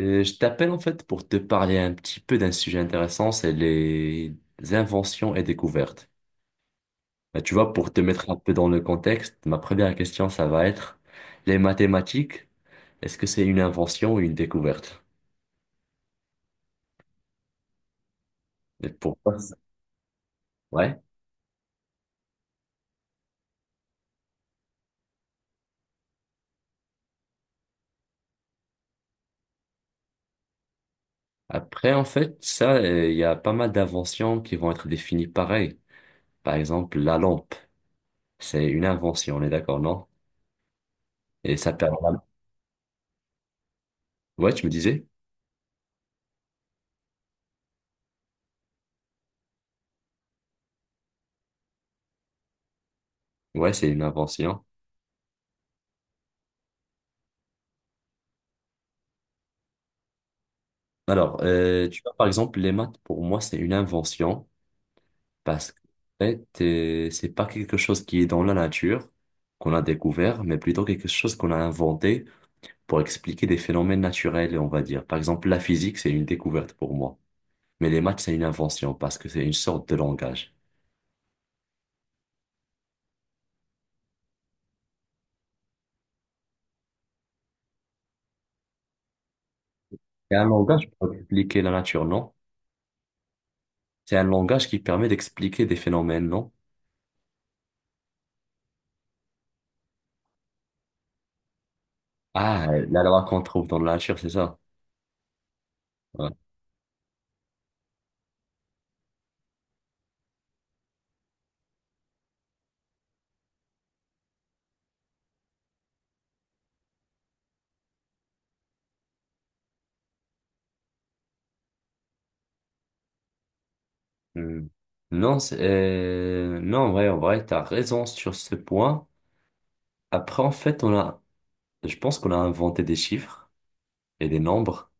Je t'appelle en fait pour te parler un petit peu d'un sujet intéressant, c'est les inventions et découvertes. Bah, tu vois, pour te mettre un peu dans le contexte, ma première question, ça va être les mathématiques, est-ce que c'est une invention ou une découverte? Et pourquoi ça? Ouais. Après, en fait, ça, il y a pas mal d'inventions qui vont être définies pareil. Par exemple, la lampe, c'est une invention, on est d'accord, non? Et ça permet... Ouais, tu me disais? Ouais, c'est une invention. Alors, tu vois, par exemple, les maths, pour moi, c'est une invention parce que en fait, c'est pas quelque chose qui est dans la nature, qu'on a découvert, mais plutôt quelque chose qu'on a inventé pour expliquer des phénomènes naturels, on va dire. Par exemple, la physique, c'est une découverte pour moi, mais les maths, c'est une invention parce que c'est une sorte de langage. C'est un langage pour expliquer la nature, non? C'est un langage qui permet d'expliquer des phénomènes, non? Ah, la loi qu'on trouve dans la nature, c'est ça. Ouais. Hmm. Non, en vrai, t'as raison sur ce point. Après, en fait, on a, je pense qu'on a inventé des chiffres et des nombres.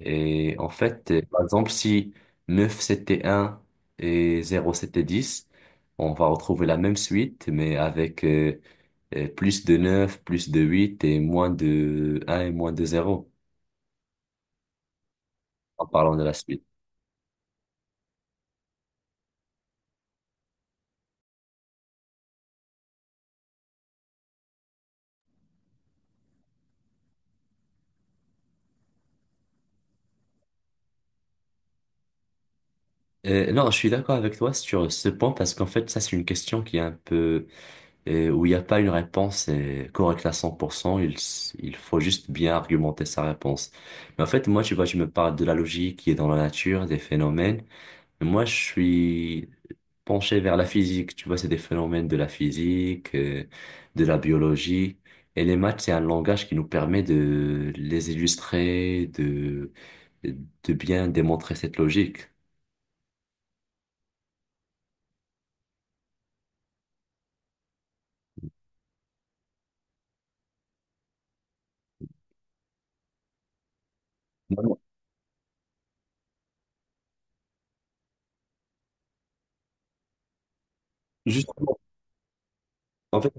Et en fait, par exemple, si 9 c'était un et zéro c'était dix, on va retrouver la même suite, mais avec plus de neuf, plus de 8 et moins de un et moins de zéro en parlant de la suite. Non, je suis d'accord avec toi sur ce point parce qu'en fait, ça, c'est une question qui est un peu, et où il n'y a pas une réponse correcte à 100%, il faut juste bien argumenter sa réponse. Mais en fait, moi, tu vois, je me parle de la logique qui est dans la nature, des phénomènes. Mais moi, je suis penché vers la physique. Tu vois, c'est des phénomènes de la physique, de la biologie. Et les maths, c'est un langage qui nous permet de les illustrer, de bien démontrer cette logique. Non, non. Justement, en fait,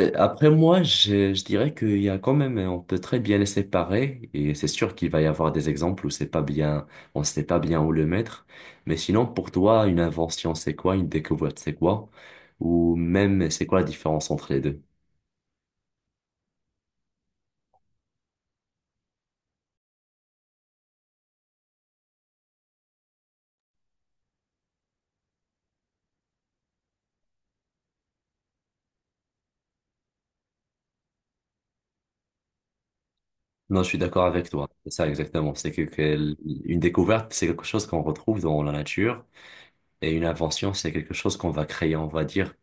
Après moi, je dirais qu'il y a quand même, on peut très bien les séparer et c'est sûr qu'il va y avoir des exemples où c'est pas bien, on sait pas bien où le mettre. Mais sinon, pour toi, une invention, c'est quoi? Une découverte, c'est quoi? Ou même, c'est quoi la différence entre les deux? Non, je suis d'accord avec toi. C'est ça exactement. C'est que une découverte, c'est quelque chose qu'on retrouve dans la nature et une invention, c'est quelque chose qu'on va créer, on va dire.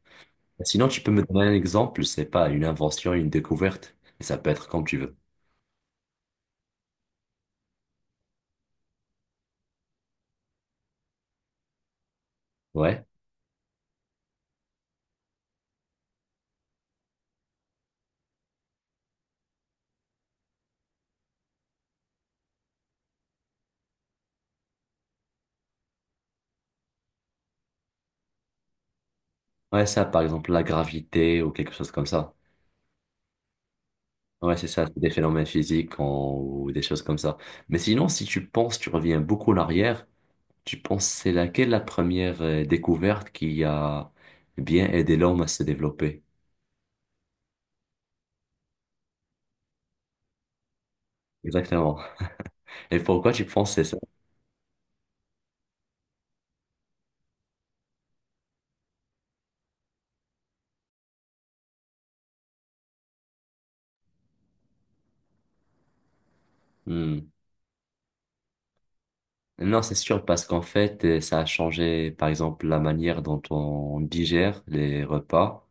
Sinon, tu peux me donner un exemple, c'est pas une invention, une découverte. Et ça peut être comme tu veux. Ouais. Ouais, ça, par exemple, la gravité ou quelque chose comme ça. Ouais, c'est ça, c'est des phénomènes ou des choses comme ça. Mais sinon, si tu penses, tu reviens beaucoup en arrière, tu penses c'est laquelle la première découverte qui a bien aidé l'homme à se développer? Exactement. Et pourquoi tu penses c'est ça? Hmm. Non, c'est sûr, parce qu'en fait, ça a changé, par exemple, la manière dont on digère les repas,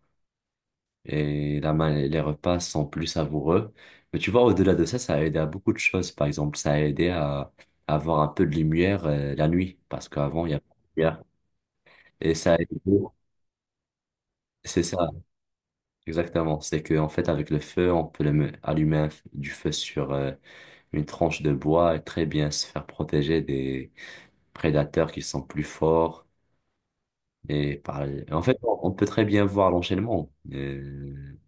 et les repas sont plus savoureux. Mais tu vois, au-delà de ça, ça a aidé à beaucoup de choses. Par exemple, ça a aidé à avoir un peu de lumière la nuit, parce qu'avant, il y a pas de lumière. Et ça a aidé, c'est ça, exactement. C'est que en fait, avec le feu, on peut allumer du feu sur une tranche de bois et très bien se faire protéger des prédateurs qui sont plus forts. Et par- en fait, on peut très bien voir l'enchaînement.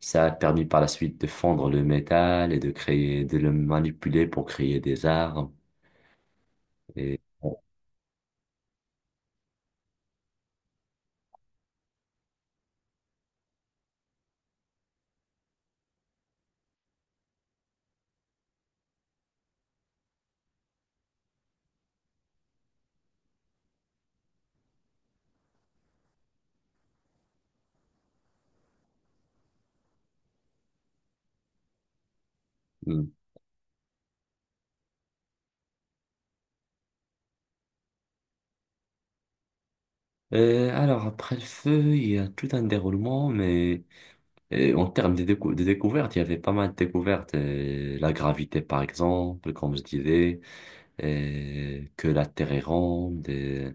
Ça a permis par la suite de fondre le métal et de créer, de le manipuler pour créer des armes. Et, mm. Alors, après le feu, il y a tout un déroulement, mais en termes de, de découvertes, il y avait pas mal de découvertes. La gravité, par exemple, comme je disais, que la Terre est ronde, euh,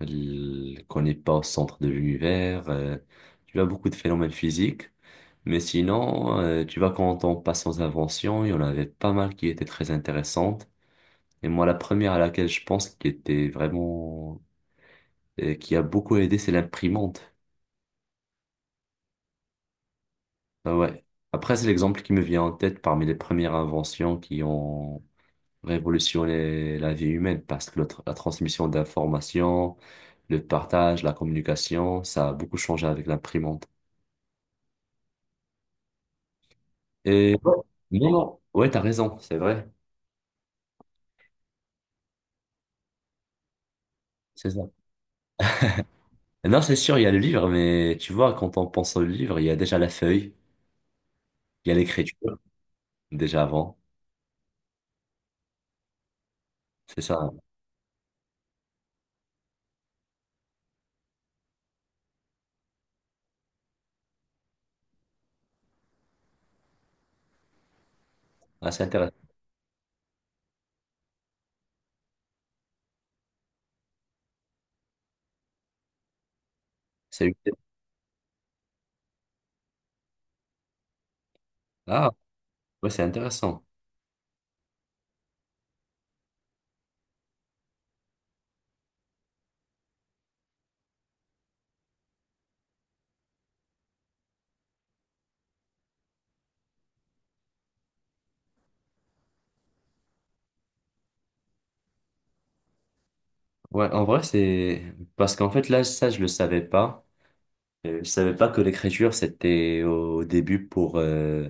l- qu'on n'est pas au centre de l'univers. Tu as beaucoup de phénomènes physiques. Mais sinon, tu vois, quand on passe aux inventions, il y en avait pas mal qui étaient très intéressantes. Et moi, la première à laquelle je pense qui était vraiment, et qui a beaucoup aidé, c'est l'imprimante. Ah ouais. Après, c'est l'exemple qui me vient en tête parmi les premières inventions qui ont révolutionné la vie humaine, parce que la transmission d'informations, le partage, la communication, ça a beaucoup changé avec l'imprimante. Et non, non, ouais, t'as raison, c'est vrai. C'est ça. Non, c'est sûr, il y a le livre, mais tu vois, quand on pense au livre, il y a déjà la feuille, il y a l'écriture, déjà avant. C'est ça, hein. Ah, c'est intéressant. C'est... Ah, ouais, c'est intéressant. Ouais, en vrai, c'est... Parce qu'en fait, là, ça, je le savais pas. Je savais pas que l'écriture, c'était au début pour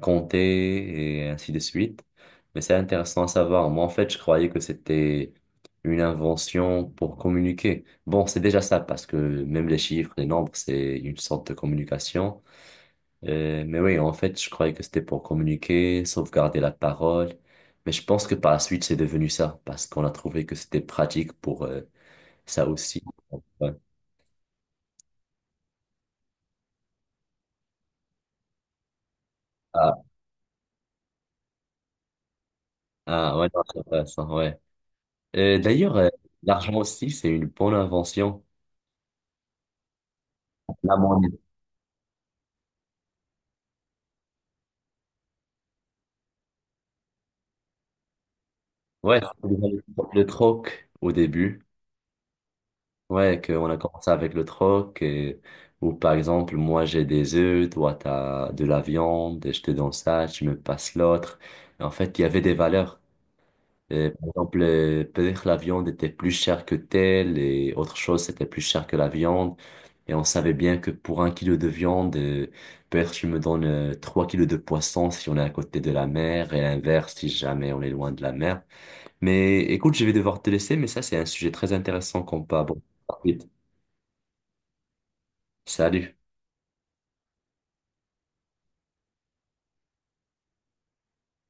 compter et ainsi de suite. Mais c'est intéressant à savoir. Moi, en fait, je croyais que c'était une invention pour communiquer. Bon, c'est déjà ça, parce que même les chiffres, les nombres, c'est une sorte de communication. Mais oui, en fait, je croyais que c'était pour communiquer, sauvegarder la parole. Mais je pense que par la suite, c'est devenu ça, parce qu'on a trouvé que c'était pratique pour ça aussi. Ouais. Ah, ah, ouais, non, c'est intéressant, ouais. D'ailleurs, l'argent aussi, c'est une bonne invention. La monnaie. Ouais, c'était déjà le troc au début. Ouais, qu'on a commencé avec le troc. Et... Ou par exemple, moi j'ai des œufs, toi t'as de la viande, je te donne ça, tu me passes l'autre. En fait, il y avait des valeurs. Par exemple, peut-être la viande était plus chère que telle et autre chose, c'était plus cher que la viande. Et on savait bien que pour 1 kilo de viande, peut-être tu me donnes 3 kilos de poisson si on est à côté de la mer et l'inverse si jamais on est loin de la mer. Mais écoute, je vais devoir te laisser, mais ça, c'est un sujet très intéressant qu'on peut aborder par la suite. Salut.